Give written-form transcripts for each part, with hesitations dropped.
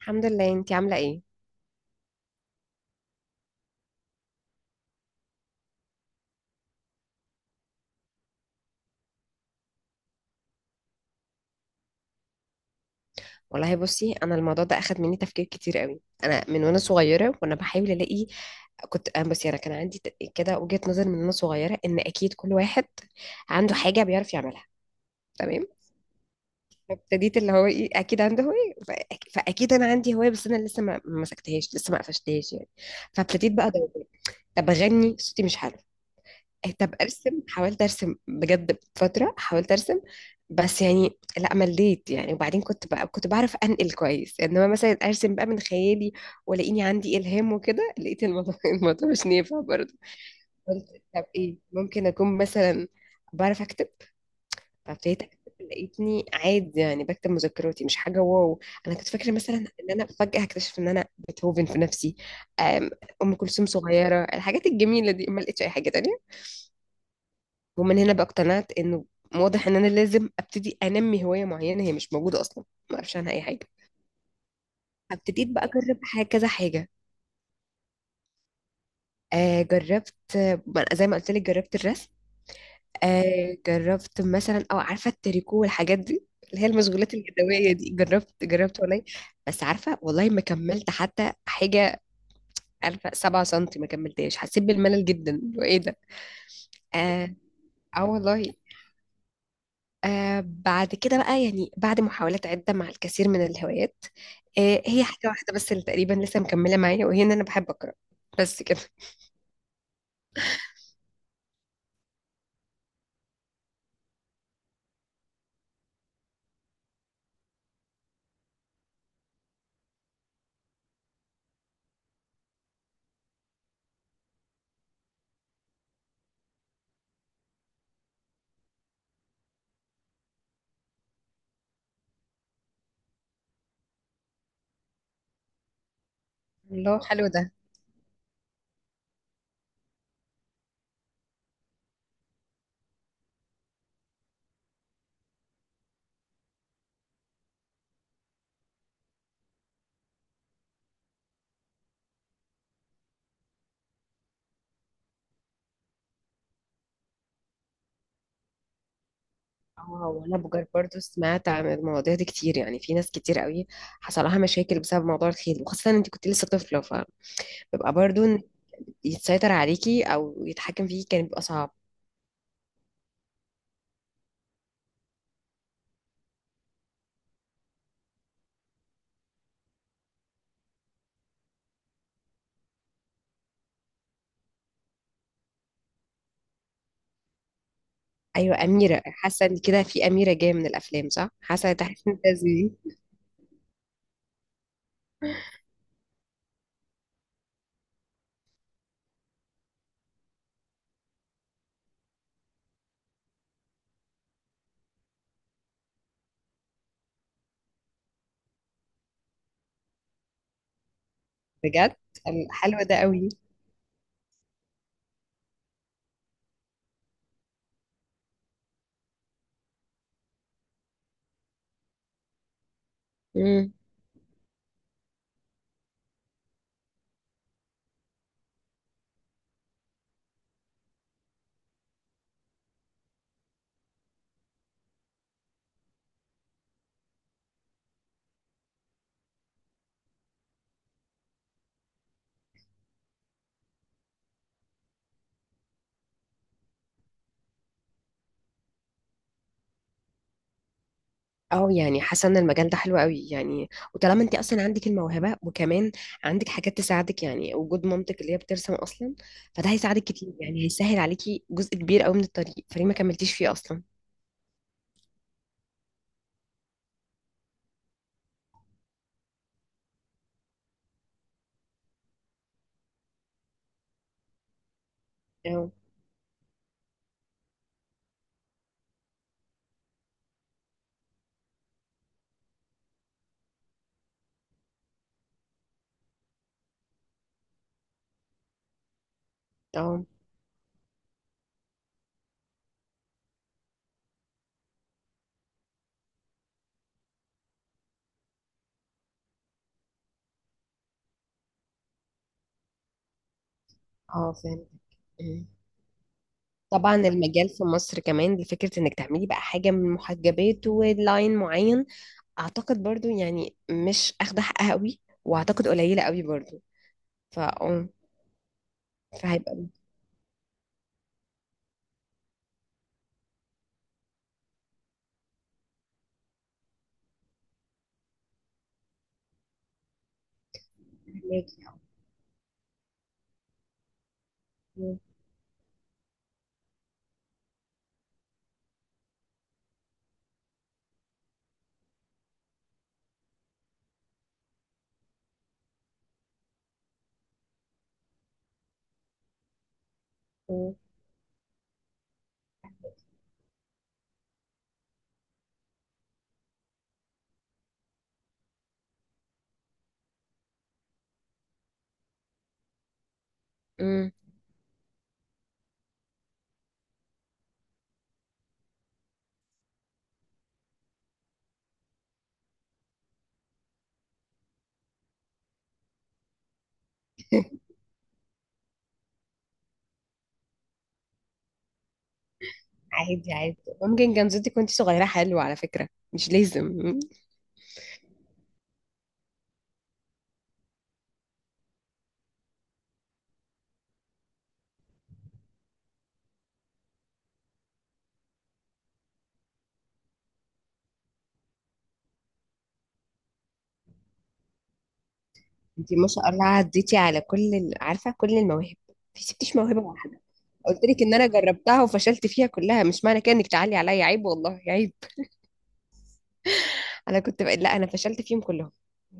الحمد لله. انتي عامله ايه؟ والله بصي، انا الموضوع ده اخد مني تفكير كتير قوي. انا من وانا صغيره وانا بحاول الاقي. كنت انا بصي انا كان عندي كده وجهه نظر من وانا صغيره ان اكيد كل واحد عنده حاجه بيعرف يعملها. تمام. ابتديت اللي هو ايه، اكيد عنده هوايه، فاكيد انا عندي هوايه، بس انا لسه ما مسكتهاش، لسه ما قفشتهاش يعني. فابتديت بقى ادور. طب اغني، صوتي مش حلو. طب ارسم، حاولت ارسم بجد فتره، حاولت ارسم بس يعني لا مليت يعني. وبعدين كنت بعرف انقل كويس، انما مثلا ارسم بقى من خيالي ولاقيني عندي الهام وكده، لقيت الموضوع الموضوع مش نافع برضه. قلت طب ايه، ممكن اكون مثلا بعرف اكتب. فابتديت اكتب، لقيتني عادي يعني، بكتب مذكراتي، مش حاجه واو. انا كنت فاكره مثلا ان انا فجاه هكتشف ان انا بيتهوفن في نفسي، أم أم كلثوم صغيره، الحاجات الجميله دي، ما لقيتش اي حاجه تانية. ومن هنا بقى اقتنعت انه واضح ان انا لازم ابتدي انمي هوايه معينه هي مش موجوده اصلا، ما اعرفش عنها اي حاجه. ابتديت بقى اجرب حاجه، كذا حاجه. جربت، زي ما قلت لك جربت الرسم، جربت مثلا او عارفه التريكو والحاجات دي اللي هي المشغولات اليدويه دي. جربت جربت والله، بس عارفه والله ما كملت حتى حاجه. عارفه 7 سم ما كملتهاش، حسيت بالملل جدا، وايه ده. اه. آه والله. بعد كده بقى يعني بعد محاولات عدة مع الكثير من الهوايات، هي حاجة واحدة بس اللي تقريبا لسه مكملة معايا، وهي إن أنا بحب أقرأ. بس كده. الله، حلو ده. اه وانا بجد برضو سمعت عن المواضيع دي كتير، يعني في ناس كتير قوي حصل لها مشاكل بسبب موضوع الخيل، وخاصة انت كنت لسه طفلة، فبيبقى برضو إن يتسيطر عليكي او يتحكم فيكي كان بيبقى صعب. ايوه، اميرة حاسة ان كده في اميرة جاية من الافلام، صح، حاسة تحس ان ده بجد حلو ده قوي. مم. اه يعني حاسه ان المجال ده حلو قوي يعني، وطالما انت اصلا عندك الموهبه، وكمان عندك حاجات تساعدك يعني وجود مامتك اللي هي بترسم اصلا، فده هيساعدك كتير يعني، هيسهل عليكي جزء كبير قوي من الطريق، فليه ما كملتيش فيه اصلا؟ اه. اه. اه فاهم. مم. طبعا المجال في مصر كمان لفكره انك تعملي بقى حاجه من محجبات ولاين معين، اعتقد برضو يعني مش اخده حقها قوي، واعتقد قليله قوي برضو. فا اه فهيبقى محتاج- مم. مم. عادي عادي، ممكن كان صوتك وانت صغيرة حلو، على فكرة مش لازم. انت ما شاء الله عديتي على كل ال، عارفة كل المواهب ما سبتيش موهبة واحدة. قلت لك ان انا جربتها وفشلت فيها كلها، مش معنى كده انك تعلي عليا، عيب والله عيب. انا كنت لا، انا فشلت فيهم كلهم.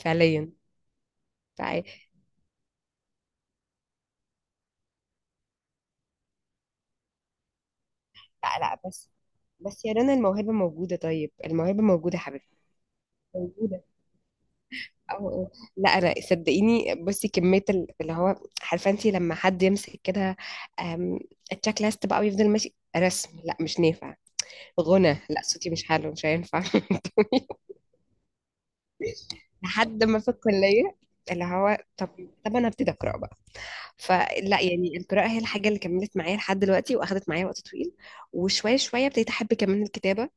فعليا فع... لا لا بس، بس يا رنا الموهبة موجودة، طيب الموهبة موجودة يا حبيبتي، موجودة. أو أو. لا انا صدقيني بصي، كميه اللي هو، عارفه انت لما حد يمسك كده، أم، التشيك ليست بقى ويفضل ماشي، رسم لا مش نافع، غنى لا صوتي مش حلو مش هينفع. لحد ما في الكليه اللي هو طب، طب انا ابتدي اقرا بقى. فلا يعني القراءه هي الحاجه اللي كملت معايا لحد دلوقتي، واخدت معايا وقت طويل. وشويه شويه ابتديت احب كمان الكتابه،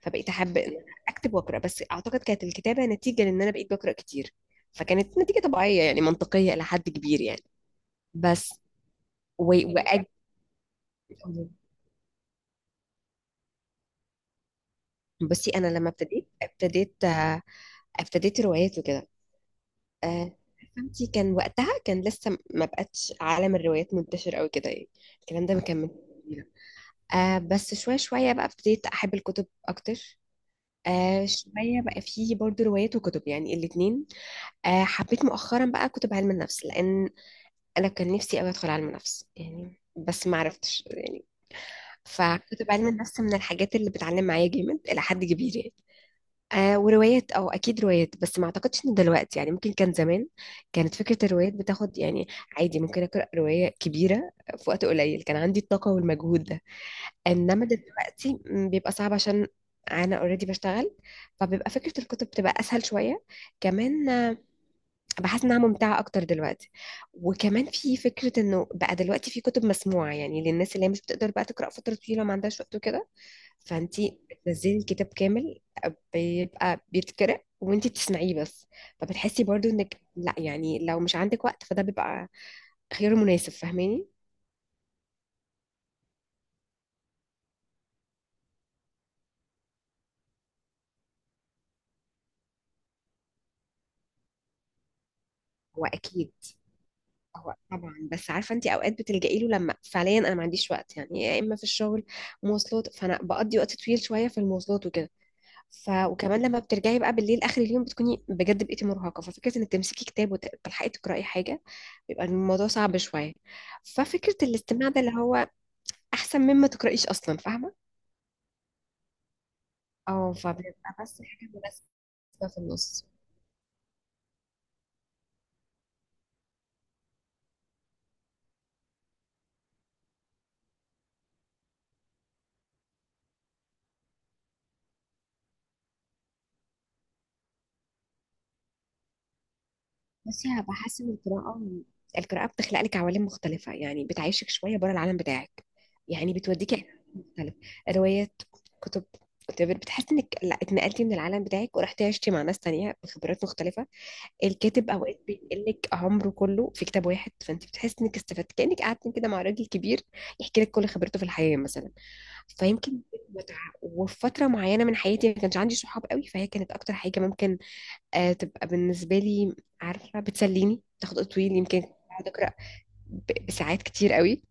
فبقيت احب ان أنا اكتب واقرا، بس اعتقد كانت الكتابه نتيجه لان انا بقيت بقرا كتير، فكانت نتيجه طبيعيه يعني منطقيه الى حد كبير يعني. بس و... وأج... بصي انا لما ابتديت، ابتديت روايات وكده. آه، فهمتي كان وقتها كان لسه ما بقتش عالم الروايات منتشر قوي كده يعني، الكلام ده ما كان من سنين. آه بس شويه شويه بقى ابتديت احب الكتب اكتر، آه شويه بقى فيه برضو روايات وكتب يعني الاتنين. حبيت مؤخرا بقى كتب علم النفس، لان انا كان نفسي قوي ادخل علم نفس يعني، بس ما عرفتش يعني. فكتب علم النفس من الحاجات اللي بتعلم معايا جامد الى حد كبير يعني. وروايات، اه اكيد روايات، بس ما اعتقدش ان دلوقتي يعني، ممكن كان زمان كانت فكرة الروايات بتاخد يعني. عادي ممكن اقرا رواية كبيرة في وقت قليل، كان عندي الطاقة والمجهود ده. انما دلوقتي بيبقى صعب عشان انا اوريدي بشتغل، فبيبقى فكرة الكتب بتبقى اسهل شوية كمان. بحس انها ممتعة اكتر دلوقتي، وكمان في فكرة انه بقى دلوقتي في كتب مسموعة، يعني للناس اللي هي مش بتقدر بقى تقرا فترة طويلة وما عندهاش وقت وكده، فانتي بتنزلي الكتاب كامل، بيبقى بيتقرأ وانتي بتسمعيه بس، فبتحسي برضو انك لا يعني لو مش عندك وقت فده بيبقى خيار مناسب. فاهماني؟ هو اكيد، هو طبعا، بس عارفه انتي اوقات بتلجئي له لما فعليا انا ما عنديش وقت، يعني يا اما في الشغل، مواصلات، فانا بقضي وقت طويل شويه في المواصلات وكده. وكمان لما بترجعي بقى بالليل اخر اليوم بتكوني بجد بقيتي مرهقه، ففكره انك تمسكي كتاب وتلحقي تقراي حاجه بيبقى الموضوع صعب شويه، ففكره الاستماع ده اللي هو احسن مما تقرايش اصلا. فاهمه؟ اه، فبيبقى بس حاجة مناسبة في النص. بس يا بحس ان القراءة، القراءة بتخلق لك عوالم مختلفة يعني، بتعيشك شوية بره العالم بتاعك، يعني بتوديك عالم مختلف. روايات، كتب، whatever. بتحس انك لا اتنقلتي من العالم بتاعك ورحتي عشتي مع ناس تانية بخبرات مختلفة. الكاتب اوقات بينقلك عمره كله في كتاب واحد، فانت بتحس انك استفدت كأنك قعدتي كده مع راجل كبير يحكي لك كل خبرته في الحياة مثلا. فيمكن متعة. وفي فترة معينة من حياتي ما كانش عندي صحاب قوي، فهي كانت أكتر حاجة ممكن تبقى بالنسبة لي، عارفة بتسليني، تاخد وقت طويل، يمكن كنت بقعد أقرأ بساعات كتير قوي.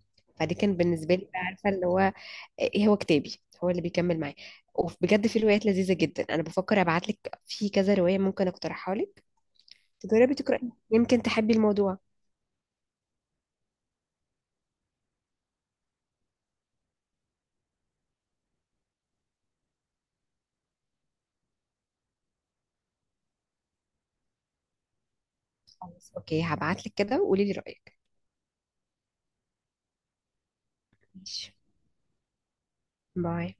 فدي كان بالنسبة لي بقى، عارفة اللي هو إيه، هو كتابي، هو اللي بيكمل معايا. وبجد في روايات لذيذة جدا، أنا بفكر أبعتلك في كذا رواية ممكن أقترحها لك، تجربي تقرأي يمكن تحبي الموضوع. خلاص أوكي، هبعتلك كده وقولي لي رأيك. ماشي. باي.